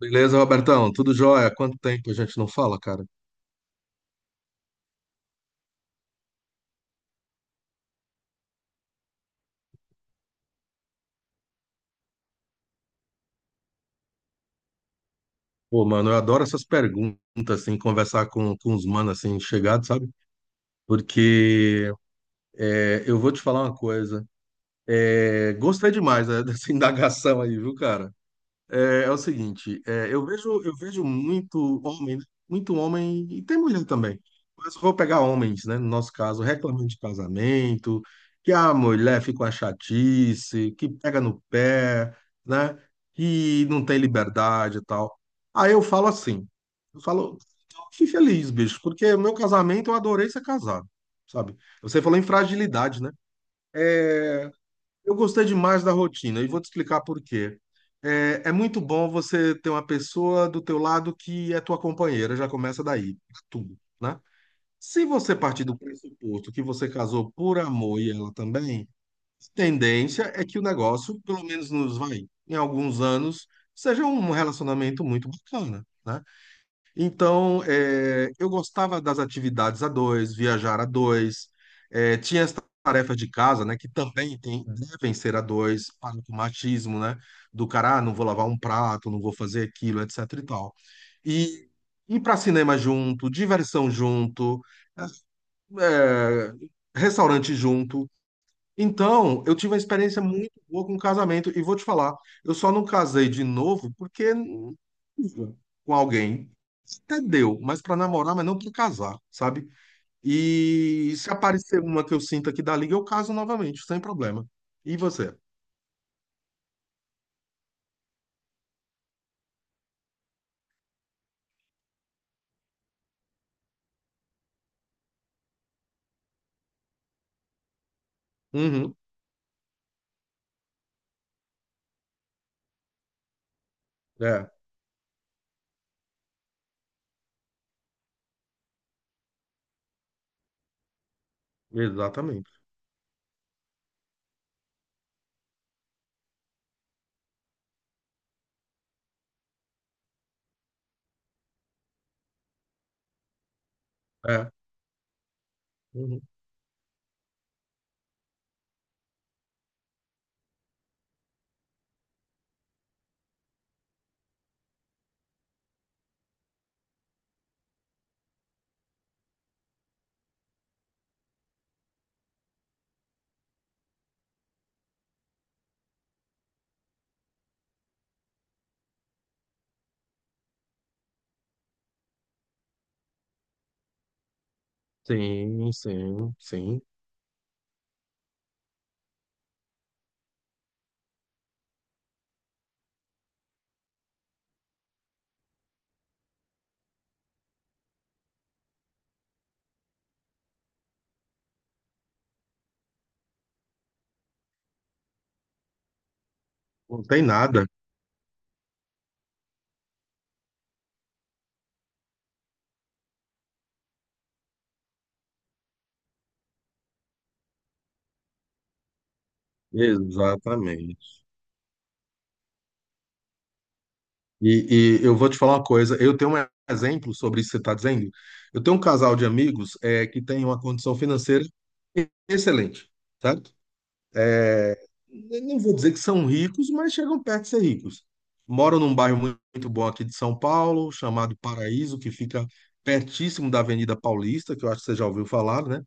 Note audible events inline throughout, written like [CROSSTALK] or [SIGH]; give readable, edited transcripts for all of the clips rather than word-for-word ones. Beleza, Robertão? Tudo jóia? Quanto tempo a gente não fala, cara? Pô, mano, eu adoro essas perguntas, assim, conversar com os manos, assim, chegados, sabe? Porque eu vou te falar uma coisa. É, gostei demais, né, dessa [LAUGHS] indagação aí, viu, cara? É, o seguinte, eu vejo muito homem, né? Muito homem, e tem mulher também, mas vou pegar homens, né? No nosso caso, reclamando de casamento, que a mulher fica uma chatice, que pega no pé, né? Que não tem liberdade e tal. Aí eu falo, fui feliz, bicho, porque meu casamento eu adorei ser casado, sabe? Você falou em fragilidade, né? É, eu gostei demais da rotina e vou te explicar por quê. É muito bom você ter uma pessoa do teu lado que é tua companheira, já começa daí, tudo, né? Se você partir do pressuposto que você casou por amor e ela também, a tendência é que o negócio, pelo menos nos vai, em alguns anos, seja um relacionamento muito bacana, né? Então, eu gostava das atividades a dois, viajar a dois, tinha as tarefas de casa, né, que também devem ser a dois, para o machismo, né, do cara, ah, não vou lavar um prato, não vou fazer aquilo, etc e tal. E ir para cinema junto, diversão junto, eh, eh, restaurante junto, então, eu tive uma experiência muito boa com casamento e vou te falar, eu só não casei de novo porque tive com alguém. Até deu, mas para namorar, mas não para casar, sabe? E se aparecer uma que eu sinta que dá liga, eu caso novamente, sem problema. E você? Uhum. É, exatamente. É. Uhum. Sim, sim, sim. Não tem nada. Exatamente. E eu vou te falar uma coisa, eu tenho um exemplo sobre isso que você está dizendo. Eu tenho um casal de amigos que tem uma condição financeira excelente, certo? É, eu não vou dizer que são ricos, mas chegam perto de ser ricos. Moram num bairro muito bom aqui de São Paulo, chamado Paraíso, que fica pertíssimo da Avenida Paulista, que eu acho que você já ouviu falar, né?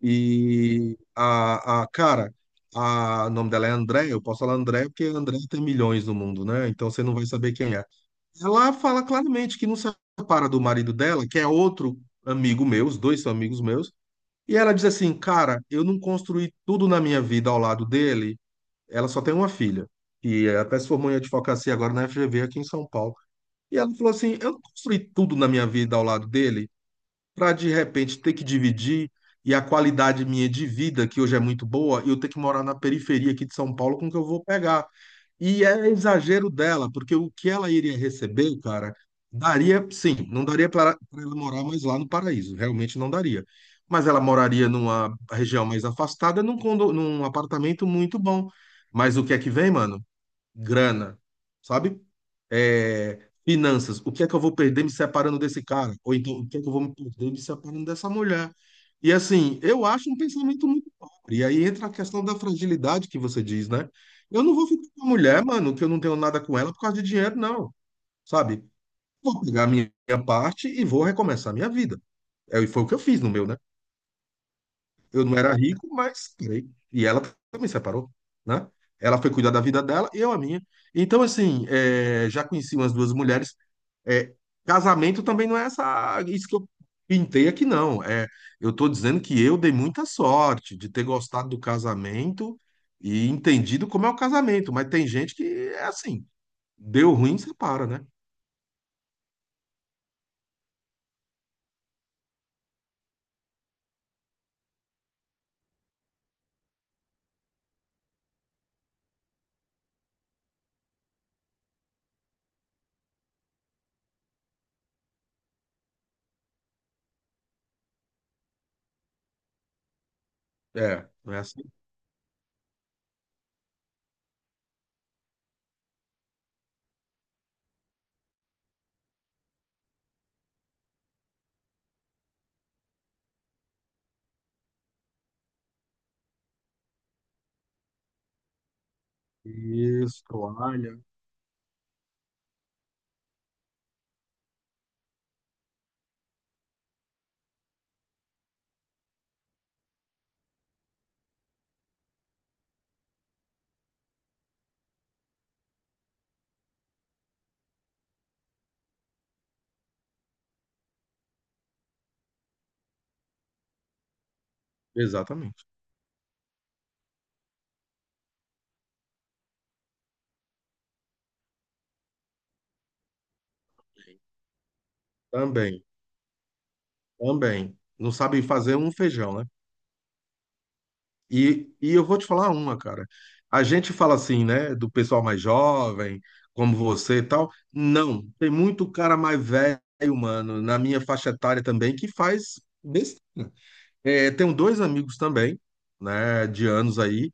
E o nome dela é André, eu posso falar André porque André tem milhões no mundo, né? Então você não vai saber quem é. Ela fala claramente que não se separa do marido dela, que é outro amigo meu, os dois são amigos meus. E ela diz assim: Cara, eu não construí tudo na minha vida ao lado dele. Ela só tem uma filha, que até se formou em advocacia agora na FGV aqui em São Paulo. E ela falou assim: Eu não construí tudo na minha vida ao lado dele para de repente ter que dividir e a qualidade minha de vida, que hoje é muito boa, eu ter que morar na periferia aqui de São Paulo com o que eu vou pegar. E é exagero dela, porque o que ela iria receber, cara, daria, sim, não daria para ela morar mais lá no Paraíso, realmente não daria. Mas ela moraria numa região mais afastada, num apartamento muito bom. Mas o que é que vem, mano? Grana, sabe? É, finanças, o que é que eu vou perder me separando desse cara? Ou então, o que é que eu vou me perder me separando dessa mulher? E assim, eu acho um pensamento muito pobre. E aí entra a questão da fragilidade que você diz, né? Eu não vou ficar com a mulher, mano, que eu não tenho nada com ela por causa de dinheiro, não, sabe? Vou pegar a minha parte e vou recomeçar a minha vida. É, e foi o que eu fiz no meu, né? Eu não era rico, mas casei. E ela também separou, né? Ela foi cuidar da vida dela e eu a minha. Então, assim, já conheci umas duas mulheres. É, casamento também não é essa, isso que eu pintei aqui, não. É, eu estou dizendo que eu dei muita sorte de ter gostado do casamento e entendido como é o casamento. Mas tem gente que é assim, deu ruim, separa, né? É, não é assim. Isso, toalha. Exatamente. Também, também. Não sabe fazer um feijão, né? E eu vou te falar uma, cara. A gente fala assim, né, do pessoal mais jovem, como você e tal. Não, tem muito cara mais velho, mano, na minha faixa etária também, que faz. É, tenho dois amigos também, né, de anos aí,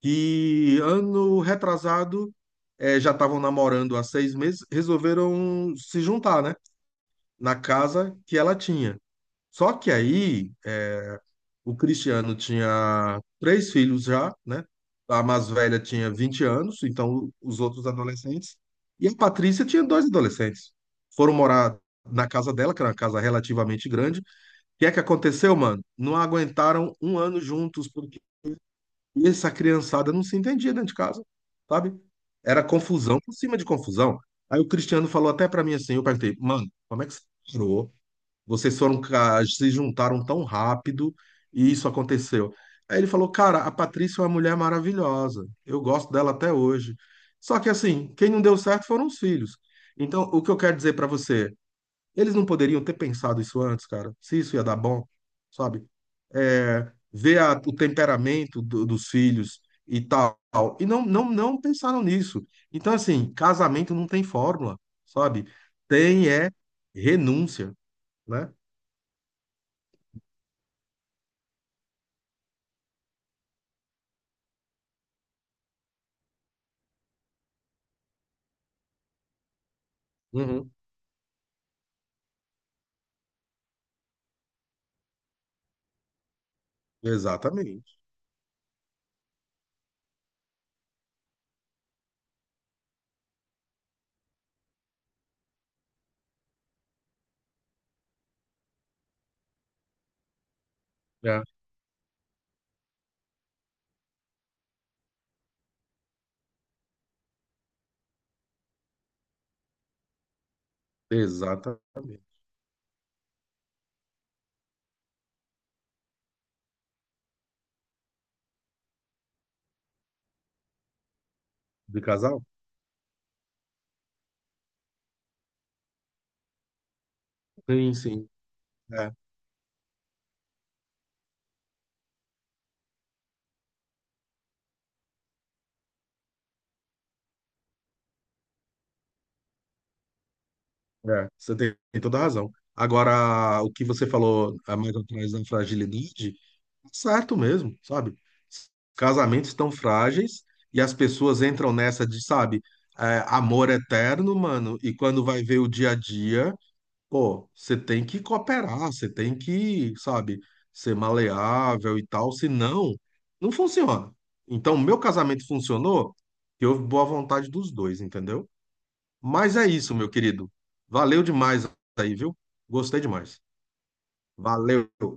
que ano retrasado já estavam namorando há 6 meses, resolveram se juntar, né, na casa que ela tinha. Só que aí, o Cristiano tinha três filhos já, né? A mais velha tinha 20 anos, então os outros adolescentes. E a Patrícia tinha dois adolescentes. Foram morar na casa dela, que era uma casa relativamente grande. O que é que aconteceu, mano? Não aguentaram um ano juntos, porque essa criançada não se entendia dentro de casa, sabe? Era confusão por cima de confusão. Aí o Cristiano falou até pra mim assim, eu perguntei, mano, como é que você parou? Vocês foram, se juntaram tão rápido e isso aconteceu. Aí ele falou, cara, a Patrícia é uma mulher maravilhosa. Eu gosto dela até hoje. Só que assim, quem não deu certo foram os filhos. Então, o que eu quero dizer pra você, eles não poderiam ter pensado isso antes, cara. Se isso ia dar bom, sabe? É, ver o temperamento dos filhos e tal. E não, não, não pensaram nisso. Então, assim, casamento não tem fórmula, sabe? Tem é renúncia, né? Uhum. Exatamente. É. Exatamente. De casal? Sim, sim. É, é. Você tem toda a razão. Agora, o que você falou a mais atrás da fragilidade, tá certo mesmo, sabe? Casamentos estão frágeis e as pessoas entram nessa de, sabe, amor eterno, mano, e quando vai ver o dia a dia. Pô, você tem que cooperar, você tem que, sabe, ser maleável e tal, senão não funciona. Então, meu casamento funcionou, e houve boa vontade dos dois, entendeu? Mas é isso, meu querido. Valeu demais aí, viu? Gostei demais. Valeu.